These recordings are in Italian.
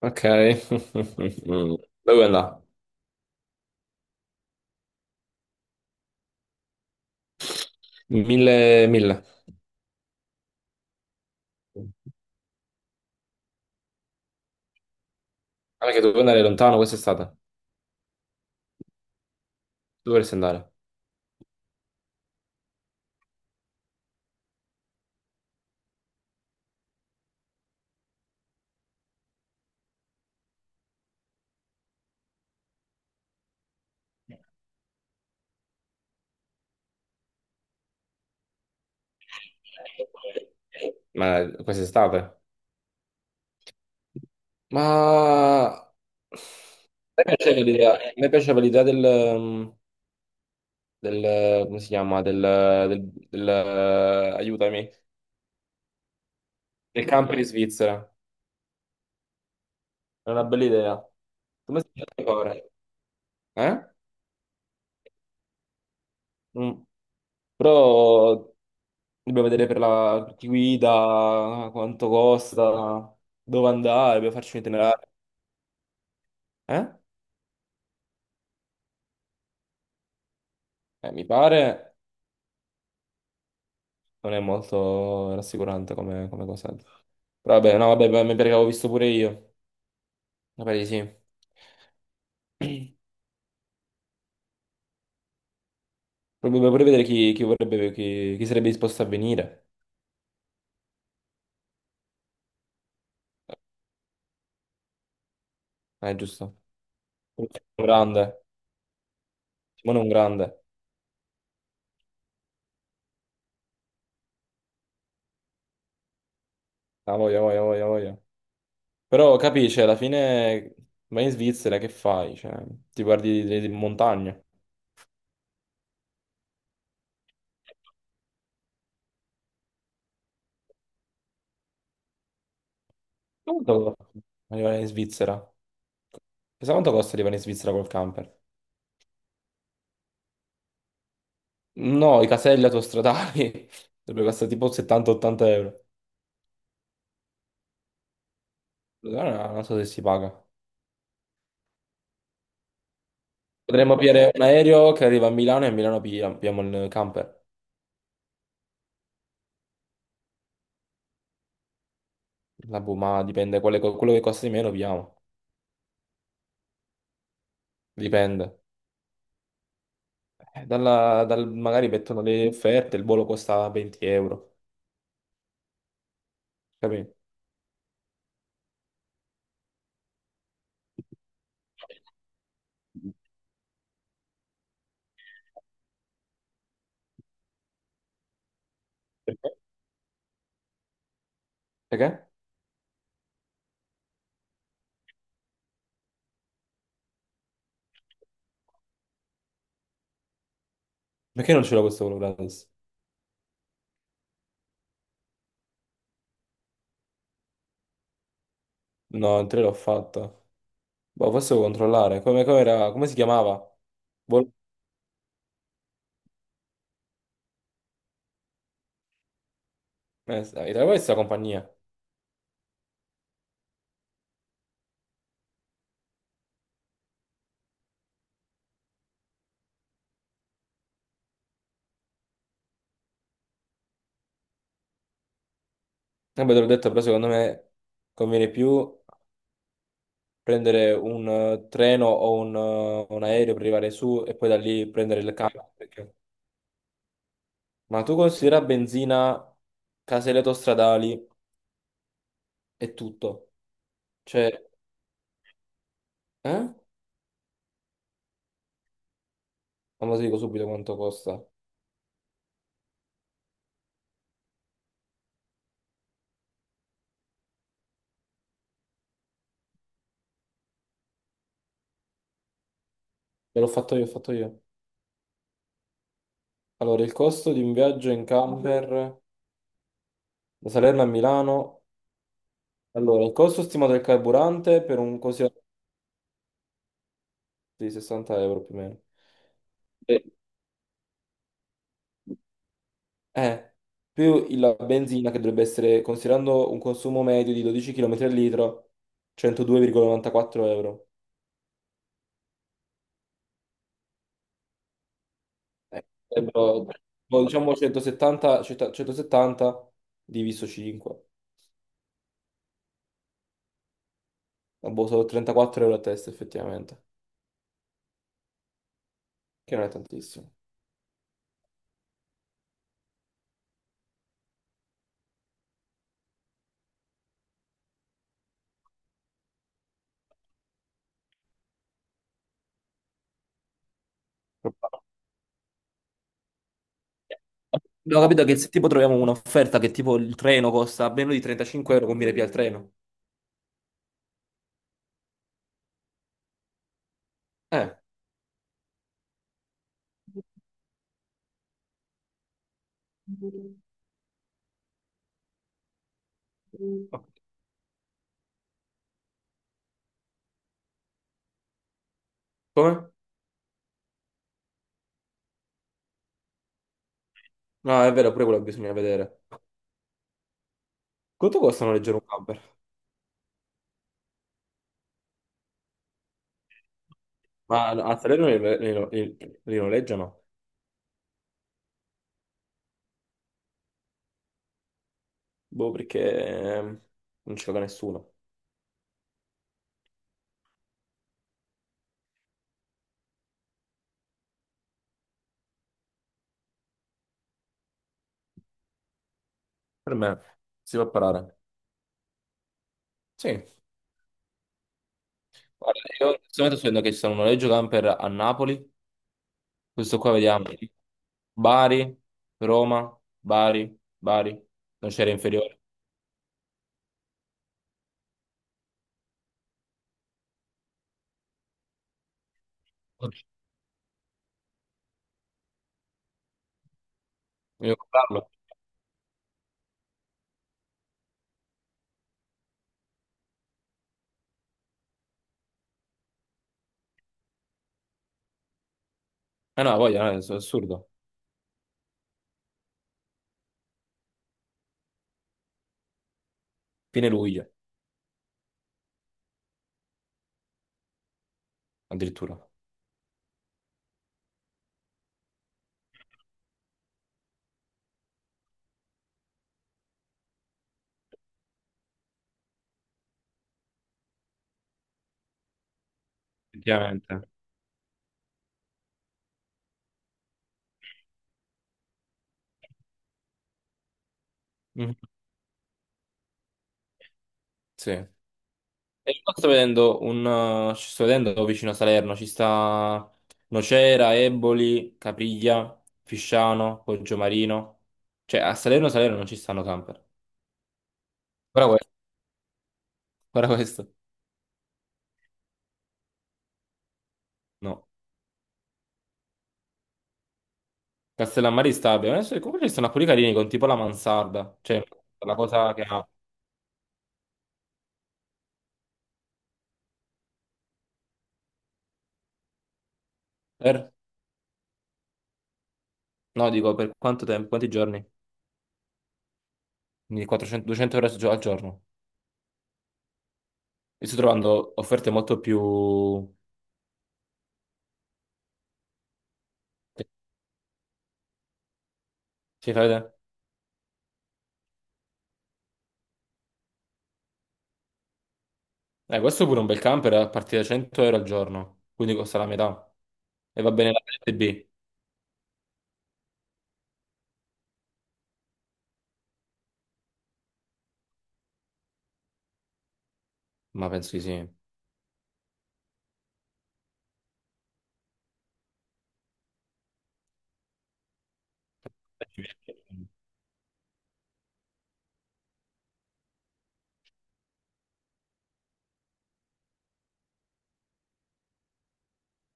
Ok. Dove vuoi andare? 1000, 1000. Guarda che dovevo andare lontano quest'estate. Dove dovresti andare? Ma quest'estate? Ma... A me piaceva l'idea del... come si chiama? Del... aiutami. Del camper in Svizzera. È una bella idea. Come si chiama ancora? Eh? Mm. Però dobbiamo vedere per la chi guida, quanto costa, dove andare, dobbiamo farci un itinerario. Eh? Mi pare non è molto rassicurante come cosa. Però vabbè, no, vabbè, mi pare che avevo visto pure io. Mi pare di sì. Vorrebbe pure vedere chi vorrebbe, chi sarebbe disposto a venire. Giusto. Un grande. Simone è un grande. Ah, voglia, voglia, voglia, voglia. Però capisci, alla fine vai in Svizzera, che fai? Cioè, ti guardi le montagne. Quanto costa arrivare in Svizzera? Chissà quanto costa arrivare in Svizzera col camper? No, i caselli autostradali dovrebbero costare tipo 70-80 euro. Allora, non so se si paga. Potremmo pigliare un aereo che arriva a Milano e a Milano pigliamo il camper. La boh, ma dipende, quello che costa di meno pigliamo. Dipende. Magari mettono le offerte, il volo costa 20 euro. Capito? Perché? Perché? Perché non c'era questo volo gratis? No, il 3 l'ho fatto. Boh, forse devo controllare. Come, come si chiamava? Volo... Era questa compagnia. Vabbè, te l'ho detto, però secondo me conviene più prendere un treno o un aereo per arrivare su e poi da lì prendere il carro. Ma tu considera benzina, caselle autostradali e tutto. Cioè, eh? Ma lo dico subito quanto costa. Ve l'ho fatto io, ho fatto io. Allora, il costo di un viaggio in camper da Salerno a Milano. Allora, il costo stimato del carburante per un considerato di 60 euro più o meno. Sì. Eh, più la benzina che dovrebbe essere, considerando un consumo medio di 12 km al litro, 102,94 euro. Eh, Sarebbero, boh, diciamo 170, 170 diviso 5. Ah, boh, sono 34 euro a testa effettivamente, che non è tantissimo. Abbiamo capito che se tipo troviamo un'offerta che tipo il treno costa meno di 35 euro, conviene più al treno. Eh, ok. Come? No, è vero, pure quello bisogna vedere. Quanto costano leggere un camper? Ma a Salerno li noleggiano? Boh, perché ehm, non ci gioca nessuno. Per me si può parare. Sì. Guarda, io in questo momento sto vedendo che ci sono un noleggio camper a Napoli. Questo qua vediamo. Sì. Bari, Roma, Bari, Bari. Non c'era inferiore. Voglio comprarlo. Eh no, no, è assurdo. Fine luglio, addirittura. Effettivamente. Mhm. Sì. E qua ci sto vedendo vicino a Salerno, ci sta Nocera, Eboli, Capriglia, Fisciano, Poggiomarino. Cioè a Salerno Salerno non ci stanno camper. Guarda questo, guarda questo. No. Castellammari Stabia. Adesso comunque ci stanno alcuni carini con tipo la mansarda. Cioè la cosa che ha... Per... No, dico per quanto tempo, quanti giorni? Quindi 400, 200 euro al al giorno. E sto trovando offerte molto più... Ci fai vedere? Questo è pure un bel camper, a partire da 100 euro al giorno, quindi costa la metà. E va bene la parte B? Ma penso di sì.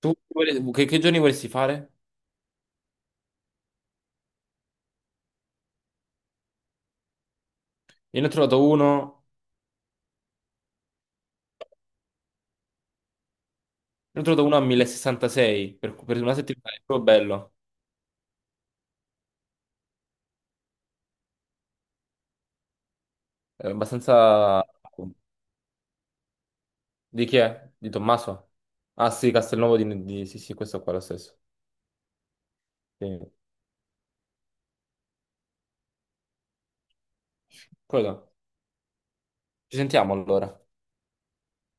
Tu che giorni vorresti fare? Io ne ho trovato uno, ne ho trovato uno a 1066 per una settimana, è proprio bello. È abbastanza... Di chi è? Di Tommaso? Ah sì, Castelnuovo di... Sì, sì, questo qua è lo stesso. Sì. Quello. Ci sentiamo allora.